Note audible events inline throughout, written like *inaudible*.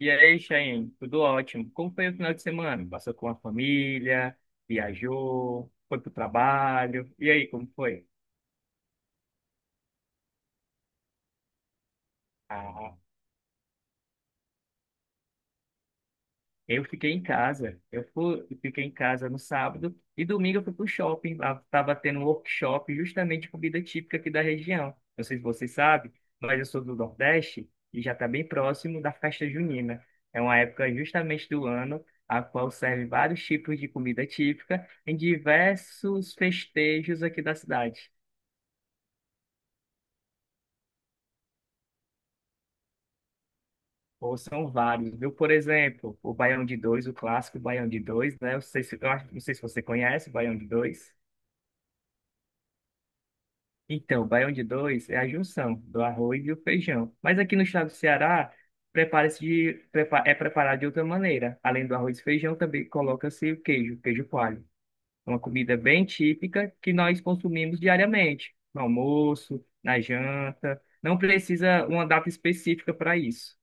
E aí, Chayane, tudo ótimo. Como foi o final de semana? Passou com a família, viajou, foi pro trabalho. E aí, como foi? Ah, eu fiquei em casa. Eu fiquei em casa no sábado e domingo eu fui pro shopping. Lá estava tendo um workshop justamente de comida típica aqui da região. Não sei se você sabe, mas eu sou do Nordeste e já está bem próximo da festa junina. É uma época justamente do ano a qual serve vários tipos de comida típica em diversos festejos aqui da cidade. Ou são vários, viu? Por exemplo, o Baião de Dois, o clássico Baião de Dois, né? Eu sei se- eu acho- não sei se você conhece o Baião de Dois. Então, o baião de dois é a junção do arroz e o feijão. Mas aqui no estado do Ceará, é preparado de outra maneira. Além do arroz e feijão, também coloca-se o queijo, queijo coalho. É uma comida bem típica que nós consumimos diariamente, no almoço, na janta. Não precisa uma data específica para isso.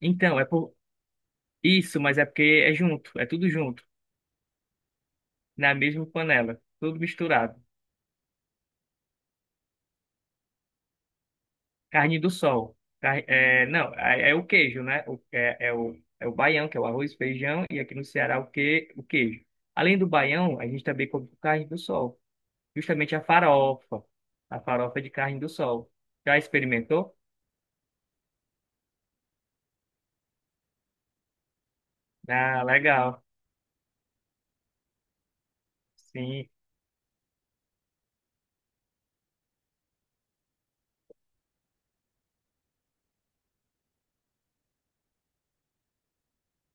Então, é por isso, mas é porque é junto, é tudo junto, na mesma panela, tudo misturado. Carne do sol. Não, é o queijo, né? É o baião, que é o arroz, feijão, e aqui no Ceará o queijo. Além do baião, a gente também come carne do sol. Justamente a farofa. A farofa de carne do sol. Já experimentou? Ah, legal. Sim,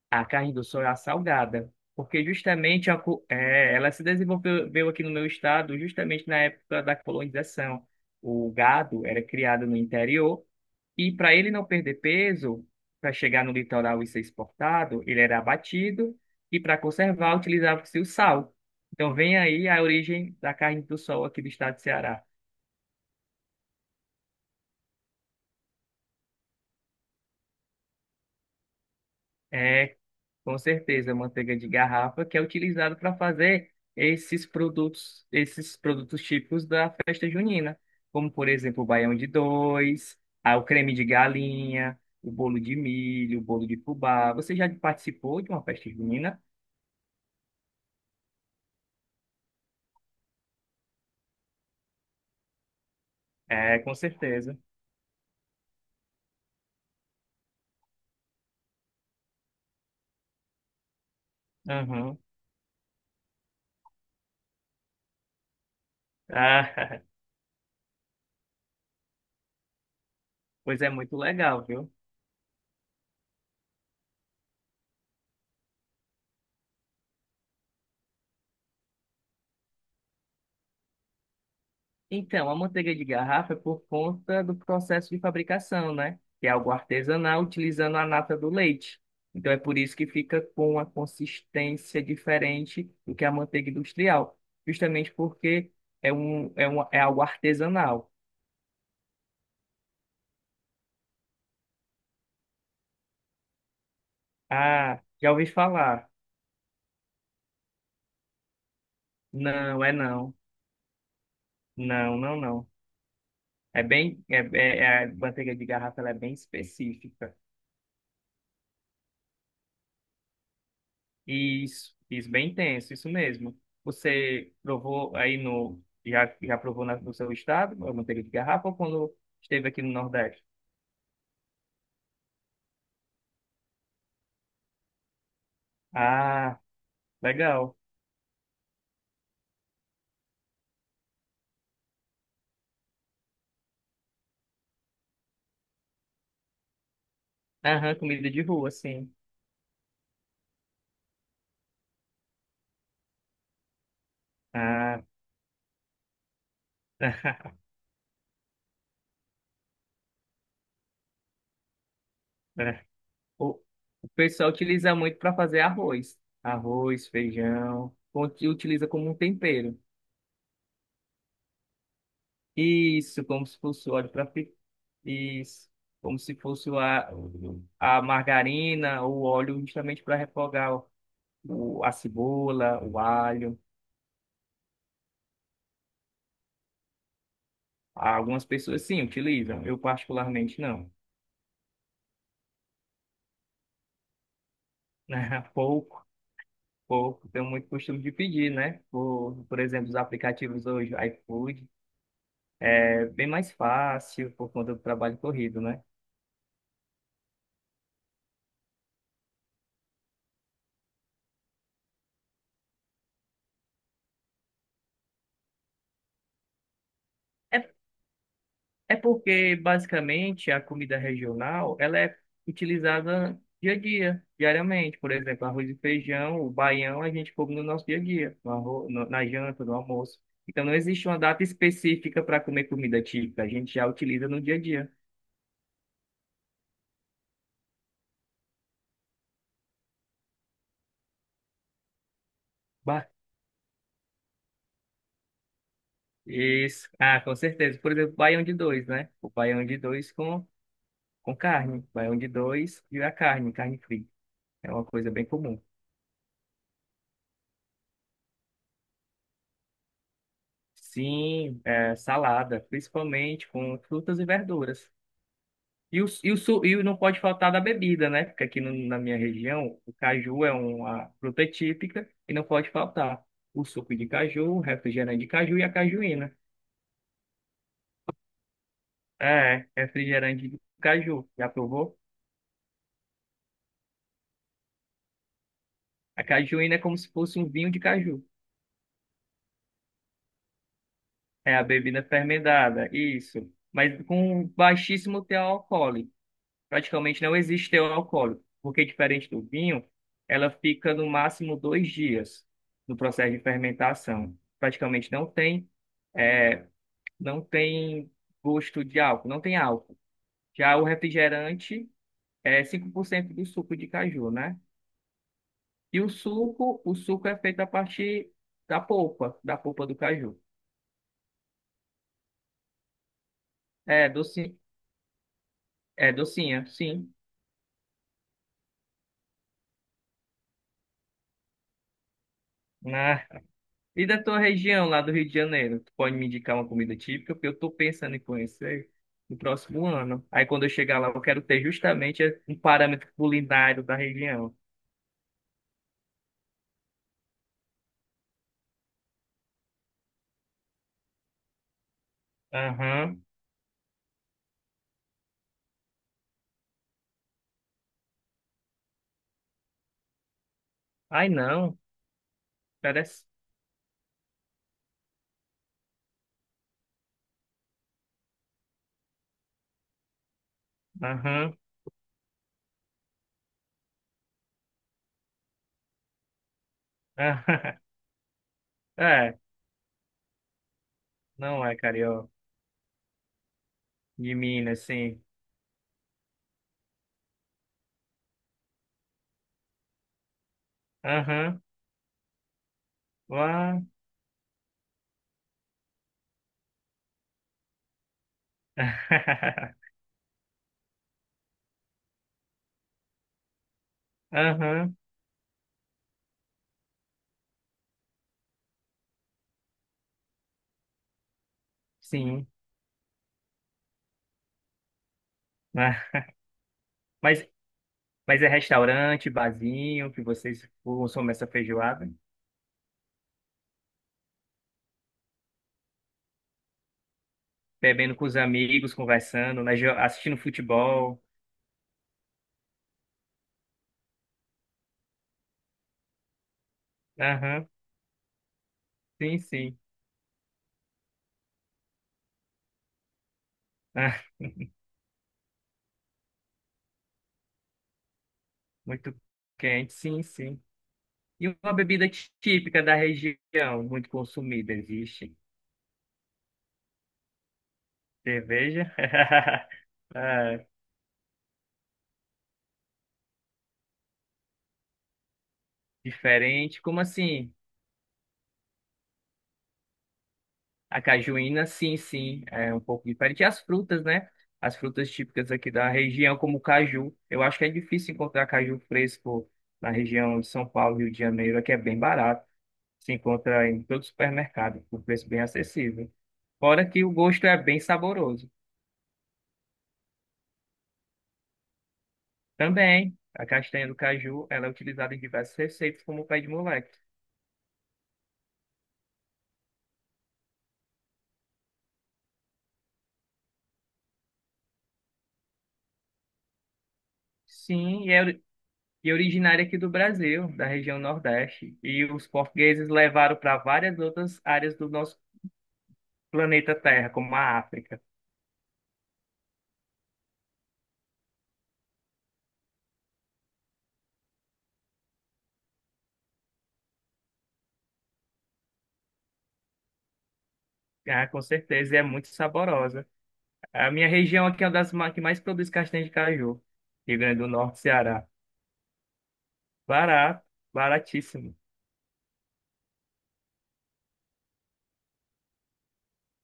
a carne do sol é a salgada. Porque justamente ela se desenvolveu veio aqui no meu estado justamente na época da colonização. O gado era criado no interior e para ele não perder peso, para chegar no litoral e ser exportado, ele era abatido e para conservar utilizava-se o sal. Então vem aí a origem da carne do sol aqui do estado de Ceará. É, com certeza, a manteiga de garrafa que é utilizada para fazer esses produtos típicos da festa junina, como por exemplo o baião de dois, ah, o creme de galinha, o bolo de milho, o bolo de fubá. Você já participou de uma festa junina? É, com certeza. Uhum. Ah, *laughs* pois é muito legal, viu? Então, a manteiga de garrafa é por conta do processo de fabricação, né? Que é algo artesanal utilizando a nata do leite. Então, é por isso que fica com uma consistência diferente do que a manteiga industrial, justamente porque é algo artesanal. Ah, já ouvi falar. Não, é não. Não, não, não. É bem, é, é, é- a manteiga de garrafa ela é bem específica. Isso bem tenso, isso mesmo. Você provou aí no. Já provou no seu estado, a manteiga de garrafa, ou quando esteve aqui no Nordeste? Ah, legal. Aham, comida de rua, sim. Ah, *laughs* é. o, o pessoal utiliza muito para fazer arroz. Arroz, feijão, utiliza como um tempero. Isso, como se fosse o óleo para. Isso, como se fosse a margarina ou o óleo justamente para refogar a cebola, o alho. Algumas pessoas sim utilizam, eu particularmente não. *laughs* Pouco, pouco, tenho muito costume de pedir, né? Por exemplo, os aplicativos hoje, iFood, é bem mais fácil por conta do trabalho corrido, né? É porque, basicamente, a comida regional, ela é utilizada dia a dia, diariamente. Por exemplo, arroz e feijão, o baião, a gente come no nosso dia a dia, na janta, no almoço. Então, não existe uma data específica para comer comida típica, a gente já utiliza no dia a dia. Ba- Isso. Ah, com certeza. Por exemplo, baião de dois, né? O baião de dois com carne. Baião de dois e a carne, carne frita. É uma coisa bem comum. Sim, salada, principalmente com frutas e verduras. E não pode faltar da bebida, né? Porque aqui na minha região, o caju é uma fruta típica e não pode faltar o suco de caju, o refrigerante de caju e a cajuína. É, refrigerante de caju. Já provou? A cajuína é como se fosse um vinho de caju. É a bebida fermentada, isso. Mas com baixíssimo teor alcoólico. Praticamente não existe teor alcoólico, porque diferente do vinho, ela fica no máximo 2 dias no processo de fermentação. Praticamente não tem, é, não tem gosto de álcool, não tem álcool. Já o refrigerante é 5% do suco de caju, né? E o suco é feito a partir da polpa do caju. É, docinha, é docinha, sim. E da tua região lá do Rio de Janeiro, tu pode me indicar uma comida típica, porque eu tô pensando em conhecer no próximo ano. Aí quando eu chegar lá, eu quero ter justamente um parâmetro culinário da região. Aham. Ai, não. Parece. Aham. Aham. *laughs* É, não é carioca. De Minas, sim. Aham. Lá. *laughs* Aham. Sim. Ah, Mas, mas é restaurante, barzinho, que vocês consomem essa feijoada? Bebendo com os amigos, conversando, né, assistindo futebol. Aham, sim, sim. Ah, muito quente, sim, sim. E uma bebida típica da região, muito consumida, existe. Cerveja? *laughs* Ah, diferente. Como assim? A cajuína, sim, sim, é um pouco diferente. E as frutas, né? As frutas típicas aqui da região, como o caju. Eu acho que é difícil encontrar caju fresco na região de São Paulo, Rio de Janeiro, aqui é bem barato. Se encontra em todo supermercado, por preço bem acessível. Fora que o gosto é bem saboroso. Também, a castanha do caju, ela é utilizada em diversas receitas, como o pé de moleque. Sim, e é originária aqui do Brasil, da região Nordeste. E os portugueses levaram para várias outras áreas do nosso planeta Terra, como a África. Ah, com certeza, e é muito saborosa. A minha região aqui é uma das que mais produz castanha de caju. Rio Grande do Norte, Ceará. Barato, baratíssimo.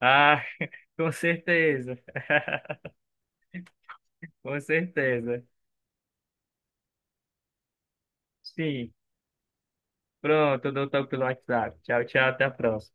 Ah, *laughs* com certeza. *laughs* Com certeza. Sim. Pronto, eu dou toque pelo WhatsApp. Tchau, tchau, até a próxima.